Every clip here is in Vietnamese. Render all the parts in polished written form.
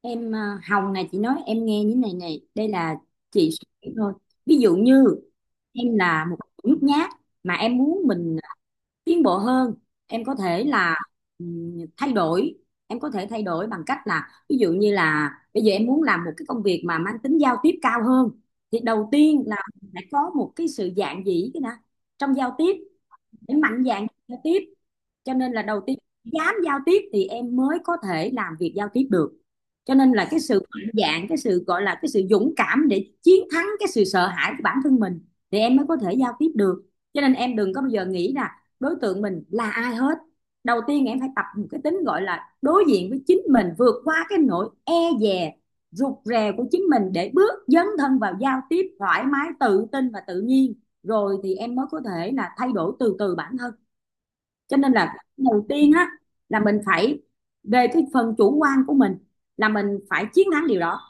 Em à, Hồng này chị nói em nghe như này này đây là chị suy nghĩ thôi. Ví dụ như em là một người nhút nhát mà em muốn mình tiến bộ hơn, em có thể là thay đổi. Em có thể thay đổi bằng cách là ví dụ như là bây giờ em muốn làm một cái công việc mà mang tính giao tiếp cao hơn, thì đầu tiên là phải có một cái sự dạn dĩ cái nè, trong giao tiếp, để mạnh dạn giao tiếp. Cho nên là đầu tiên, dám giao tiếp thì em mới có thể làm việc giao tiếp được. Cho nên là cái sự mạnh dạn, cái sự gọi là cái sự dũng cảm để chiến thắng cái sự sợ hãi của bản thân mình thì em mới có thể giao tiếp được. Cho nên em đừng có bao giờ nghĩ là đối tượng mình là ai hết. Đầu tiên em phải tập một cái tính gọi là đối diện với chính mình, vượt qua cái nỗi e dè, rụt rè của chính mình để bước dấn thân vào giao tiếp thoải mái, tự tin và tự nhiên. Rồi thì em mới có thể là thay đổi từ từ bản thân. Cho nên là đầu tiên á, là mình phải, về cái phần chủ quan của mình, là mình phải chiến thắng điều đó.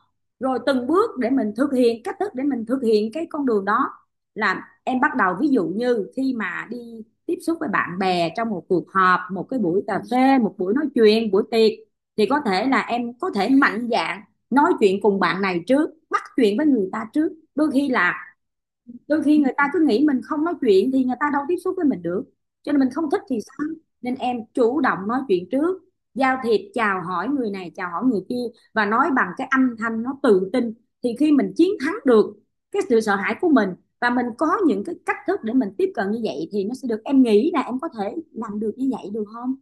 Rồi từng bước để mình thực hiện cách thức để mình thực hiện cái con đường đó, là em bắt đầu ví dụ như khi mà đi tiếp xúc với bạn bè trong một cuộc họp, một cái buổi cà phê, một buổi nói chuyện, buổi tiệc, thì có thể là em có thể mạnh dạn nói chuyện cùng bạn này trước, bắt chuyện với người ta trước. Đôi khi người ta cứ nghĩ mình không nói chuyện thì người ta đâu tiếp xúc với mình được, cho nên mình không thích thì sao. Nên em chủ động nói chuyện trước, giao thiệp, chào hỏi người này, chào hỏi người kia, và nói bằng cái âm thanh nó tự tin. Thì khi mình chiến thắng được cái sự sợ hãi của mình, và mình có những cái cách thức để mình tiếp cận như vậy thì nó sẽ được. Em nghĩ là em có thể làm được như vậy được không?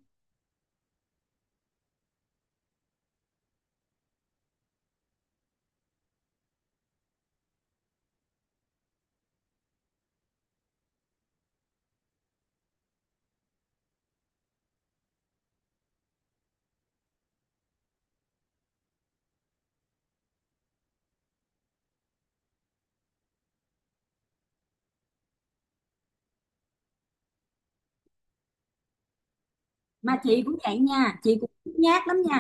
Mà chị cũng vậy nha, chị cũng nhát lắm nha,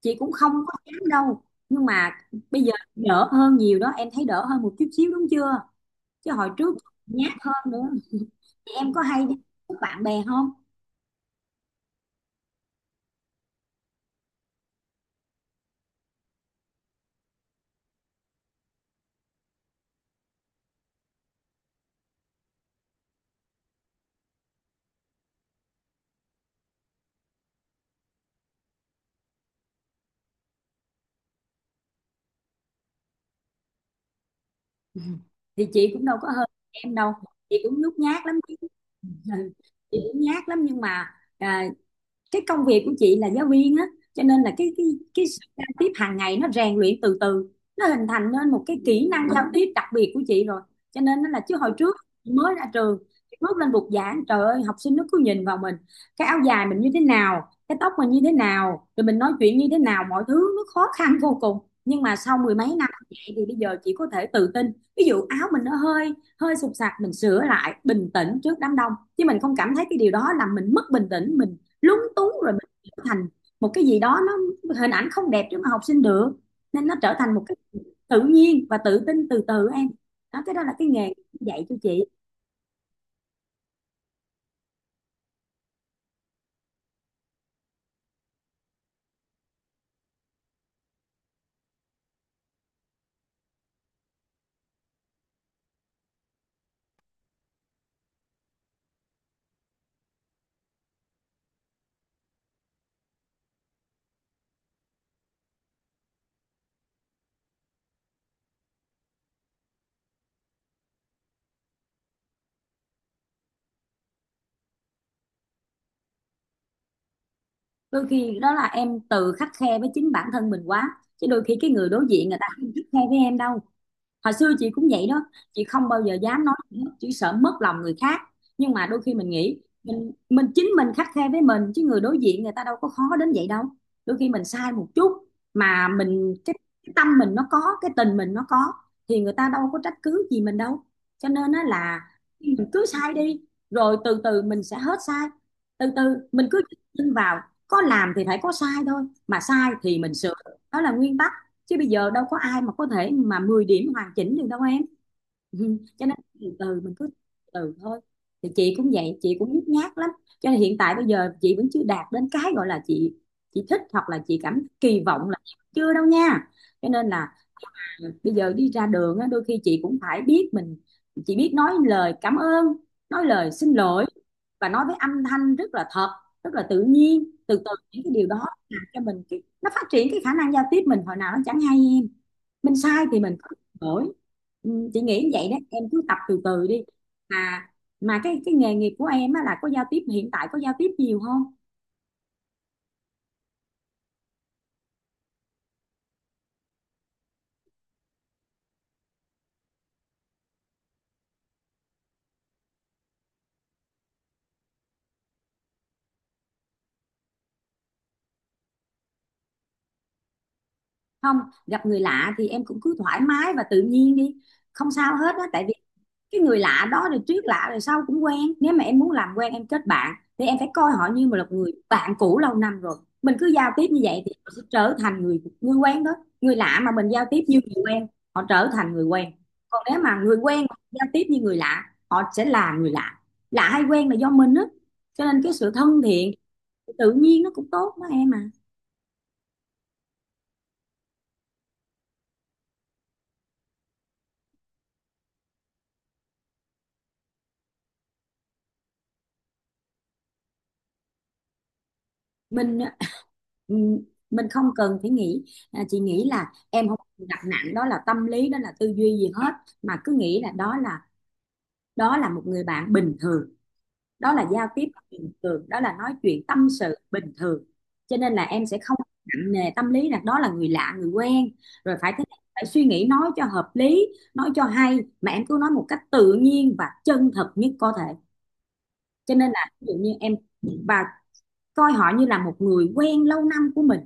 chị cũng không có dám đâu, nhưng mà bây giờ đỡ hơn nhiều đó, em thấy đỡ hơn một chút xíu đúng chưa, chứ hồi trước nhát hơn nữa. Thì em có hay đi với bạn bè không? Ừ. Thì chị cũng đâu có hơn em đâu, chị cũng nhút nhát lắm. Ừ, chị cũng nhát lắm, nhưng mà cái công việc của chị là giáo viên á, cho nên là cái sự giao tiếp hàng ngày nó rèn luyện từ từ, nó hình thành nên một cái kỹ năng giao tiếp đặc biệt của chị rồi. Cho nên nó là, chứ hồi trước chị mới ra trường, chị bước lên bục giảng, trời ơi, học sinh nó cứ nhìn vào mình, cái áo dài mình như thế nào, cái tóc mình như thế nào, rồi mình nói chuyện như thế nào, mọi thứ nó khó khăn vô cùng. Nhưng mà sau mười mấy năm như vậy thì bây giờ chị có thể tự tin, ví dụ áo mình nó hơi hơi sụp sạc mình sửa lại, bình tĩnh trước đám đông, chứ mình không cảm thấy cái điều đó làm mình mất bình tĩnh, mình lúng túng rồi mình trở thành một cái gì đó nó hình ảnh không đẹp trước mà học sinh được. Nên nó trở thành một cái tự nhiên và tự tin từ từ em. Đó, cái đó là cái nghề dạy cho chị. Đôi khi đó là em tự khắt khe với chính bản thân mình quá, chứ đôi khi cái người đối diện người ta không khắt khe với em đâu. Hồi xưa chị cũng vậy đó, chị không bao giờ dám nói gì hết, chỉ sợ mất lòng người khác. Nhưng mà đôi khi mình nghĩ mình chính mình khắt khe với mình, chứ người đối diện người ta đâu có khó đến vậy đâu. Đôi khi mình sai một chút mà mình cái tâm mình nó có, cái tình mình nó có, thì người ta đâu có trách cứ gì mình đâu. Cho nên á là mình cứ sai đi, rồi từ từ mình sẽ hết sai. Từ từ mình cứ tin vào, có làm thì phải có sai thôi, mà sai thì mình sửa, đó là nguyên tắc. Chứ bây giờ đâu có ai mà có thể mà 10 điểm hoàn chỉnh được đâu em. Ừ, cho nên từ từ mình cứ từ từ thôi. Thì chị cũng vậy, chị cũng nhút nhát lắm, cho nên hiện tại bây giờ chị vẫn chưa đạt đến cái gọi là chị thích, hoặc là chị cảm kỳ vọng là, chưa đâu nha. Cho nên là bây giờ đi ra đường á, đôi khi chị cũng phải biết mình, chị biết nói lời cảm ơn, nói lời xin lỗi, và nói với âm thanh rất là thật, rất là tự nhiên. Từ từ những cái điều đó làm cho mình nó phát triển cái khả năng giao tiếp mình hồi nào nó chẳng hay em. Mình sai thì mình có đổi. Ừ, chị nghĩ vậy đó, em cứ tập từ từ đi. Mà cái nghề nghiệp của em á, là có giao tiếp hiện tại có giao tiếp nhiều không? Không, gặp người lạ thì em cũng cứ thoải mái và tự nhiên đi, không sao hết á. Tại vì cái người lạ đó rồi tuyết lạ rồi sau cũng quen, nếu mà em muốn làm quen, em kết bạn, thì em phải coi họ như một là người bạn cũ lâu năm rồi. Mình cứ giao tiếp như vậy thì họ sẽ trở thành người người quen đó. Người lạ mà mình giao tiếp như người quen, họ trở thành người quen. Còn nếu mà người quen mà giao tiếp như người lạ, họ sẽ là người lạ. Lạ hay quen là do mình á, cho nên cái sự thân thiện, tự nhiên nó cũng tốt đó em à. mình ừm, mình không cần phải nghĩ. À, chị nghĩ là em không đặt nặng đó là tâm lý, đó là tư duy gì hết, mà cứ nghĩ là đó là một người bạn bình thường, đó là giao tiếp bình thường, đó là nói chuyện tâm sự bình thường. Cho nên là em sẽ không nặng nề tâm lý là đó là người lạ, người quen, rồi phải thế này, phải suy nghĩ nói cho hợp lý, nói cho hay, mà em cứ nói một cách tự nhiên và chân thật nhất có thể. Cho nên là ví dụ như em, và coi họ như là một người quen lâu năm của mình,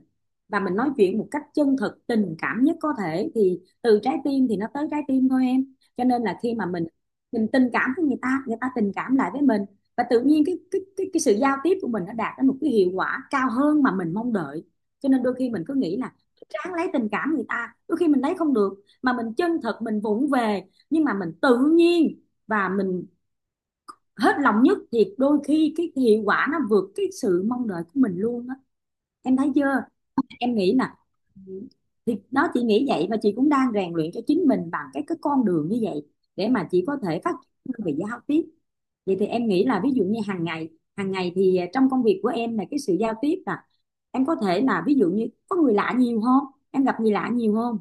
và mình nói chuyện một cách chân thực, tình cảm nhất có thể, thì từ trái tim thì nó tới trái tim thôi em. Cho nên là khi mà mình tình cảm với người ta, người ta tình cảm lại với mình, và tự nhiên cái sự giao tiếp của mình nó đạt đến một cái hiệu quả cao hơn mà mình mong đợi. Cho nên đôi khi mình cứ nghĩ là ráng lấy tình cảm người ta, đôi khi mình lấy không được, mà mình chân thật, mình vụng về, nhưng mà mình tự nhiên và mình hết lòng nhất, thì đôi khi cái hiệu quả nó vượt cái sự mong đợi của mình luôn á. Em thấy chưa, em nghĩ nè, thì đó, chị nghĩ vậy. Và chị cũng đang rèn luyện cho chính mình bằng cái con đường như vậy để mà chị có thể phát triển về giao tiếp. Vậy thì em nghĩ là ví dụ như hàng ngày, hàng ngày thì trong công việc của em là cái sự giao tiếp là em có thể là ví dụ như có người lạ nhiều không, em gặp người lạ nhiều không?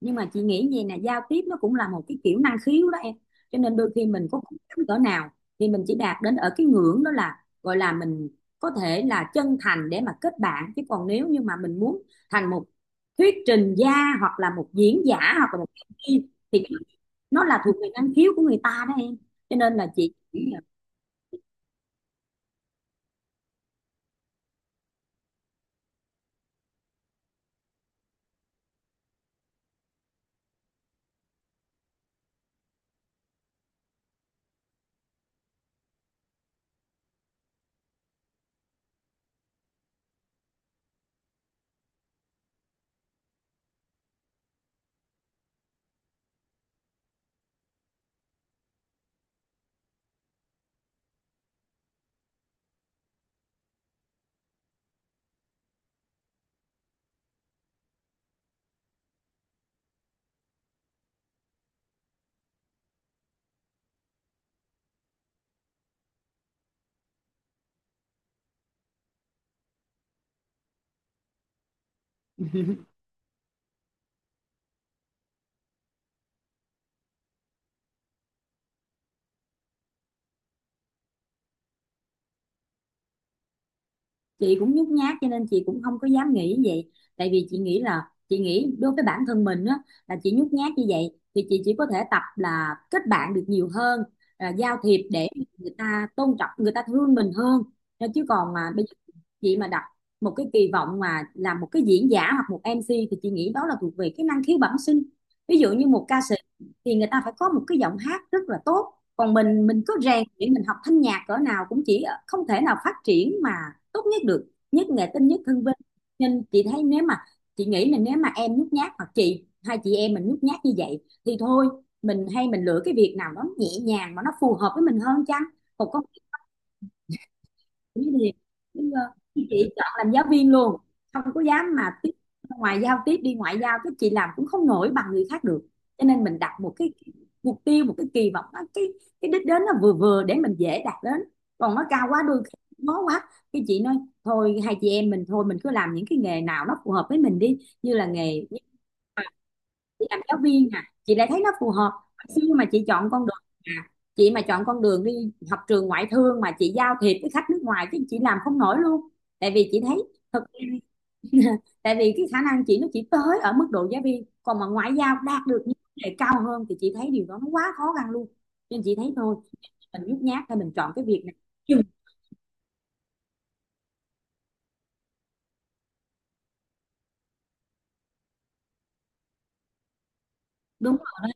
Nhưng mà chị nghĩ gì nè, giao tiếp nó cũng là một cái kiểu năng khiếu đó em. Cho nên đôi khi mình có cố gắng cỡ nào thì mình chỉ đạt đến ở cái ngưỡng đó, là gọi là mình có thể là chân thành để mà kết bạn. Chứ còn nếu như mà mình muốn thành một thuyết trình gia, hoặc là một diễn giả, hoặc là một diễn viên, thì nó là thuộc về năng khiếu của người ta đó em. Cho nên là chị, chị cũng nhút nhát cho nên chị cũng không có dám nghĩ như vậy. Tại vì chị nghĩ là, chị nghĩ đối với bản thân mình á, là chị nhút nhát như vậy thì chị chỉ có thể tập là kết bạn được nhiều hơn, à, giao thiệp để người ta tôn trọng, người ta thương mình hơn. Nên chứ còn mà bây giờ chị mà đặt một cái kỳ vọng mà làm một cái diễn giả hoặc một MC, thì chị nghĩ đó là thuộc về cái năng khiếu bẩm sinh. Ví dụ như một ca sĩ thì người ta phải có một cái giọng hát rất là tốt. Còn mình cứ rèn luyện, mình học thanh nhạc cỡ nào cũng chỉ không thể nào phát triển mà tốt nhất được. Nhất nghệ tinh, nhất hương vinh. Nên chị thấy nếu mà, chị nghĩ là nếu mà em nhút nhát, hoặc chị, hai chị em mình nhút nhát như vậy thì thôi, mình hay mình lựa cái việc nào nó nhẹ nhàng mà nó phù hợp với mình hơn chăng. Còn có cũng thì, nhưng mà chị chọn làm giáo viên luôn, không có dám mà tiếp, ngoài giao tiếp đi ngoại giao, cái chị làm cũng không nổi bằng người khác được. Cho nên mình đặt một cái mục tiêu, một cái kỳ vọng cái đích đến nó vừa vừa để mình dễ đạt đến. Còn nó cao quá, đôi khi nó quá, cái chị nói thôi, hai chị em mình thôi, mình cứ làm những cái nghề nào nó phù hợp với mình đi. Như là nghề chị làm giáo viên, à, chị lại thấy nó phù hợp. Hồi xưa mà à chị mà chọn con đường đi học trường ngoại thương mà chị giao thiệp với khách nước ngoài chứ, chị làm không nổi luôn. Tại vì chị thấy thực, tại vì cái khả năng chị nó chỉ tới ở mức độ giáo viên, còn mà ngoại giao đạt được những vấn đề cao hơn thì chị thấy điều đó nó quá khó khăn luôn. Nên chị thấy thôi, mình nhút nhát thôi mình chọn cái việc này. Chừng- Đúng rồi,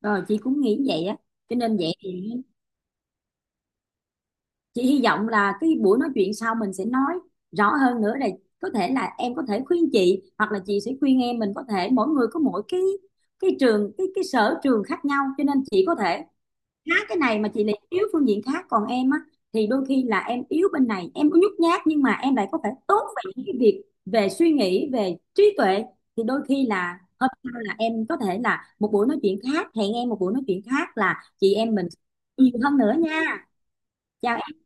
đó. Rồi chị cũng nghĩ vậy á. Cho nên vậy thì chị hy vọng là cái buổi nói chuyện sau mình sẽ nói rõ hơn nữa này, có thể là em có thể khuyên chị, hoặc là chị sẽ khuyên em. Mình có thể mỗi người có mỗi cái sở trường khác nhau, cho nên chị có thể khá cái này mà chị lại yếu phương diện khác. Còn em á, thì đôi khi là em yếu bên này, em có nhút nhát, nhưng mà em lại có thể tốt về những cái việc về suy nghĩ, về trí tuệ. Thì đôi khi là hôm sau là em có thể là một buổi nói chuyện khác, hẹn em một buổi nói chuyện khác là chị em mình nhiều hơn nữa nha. Chào.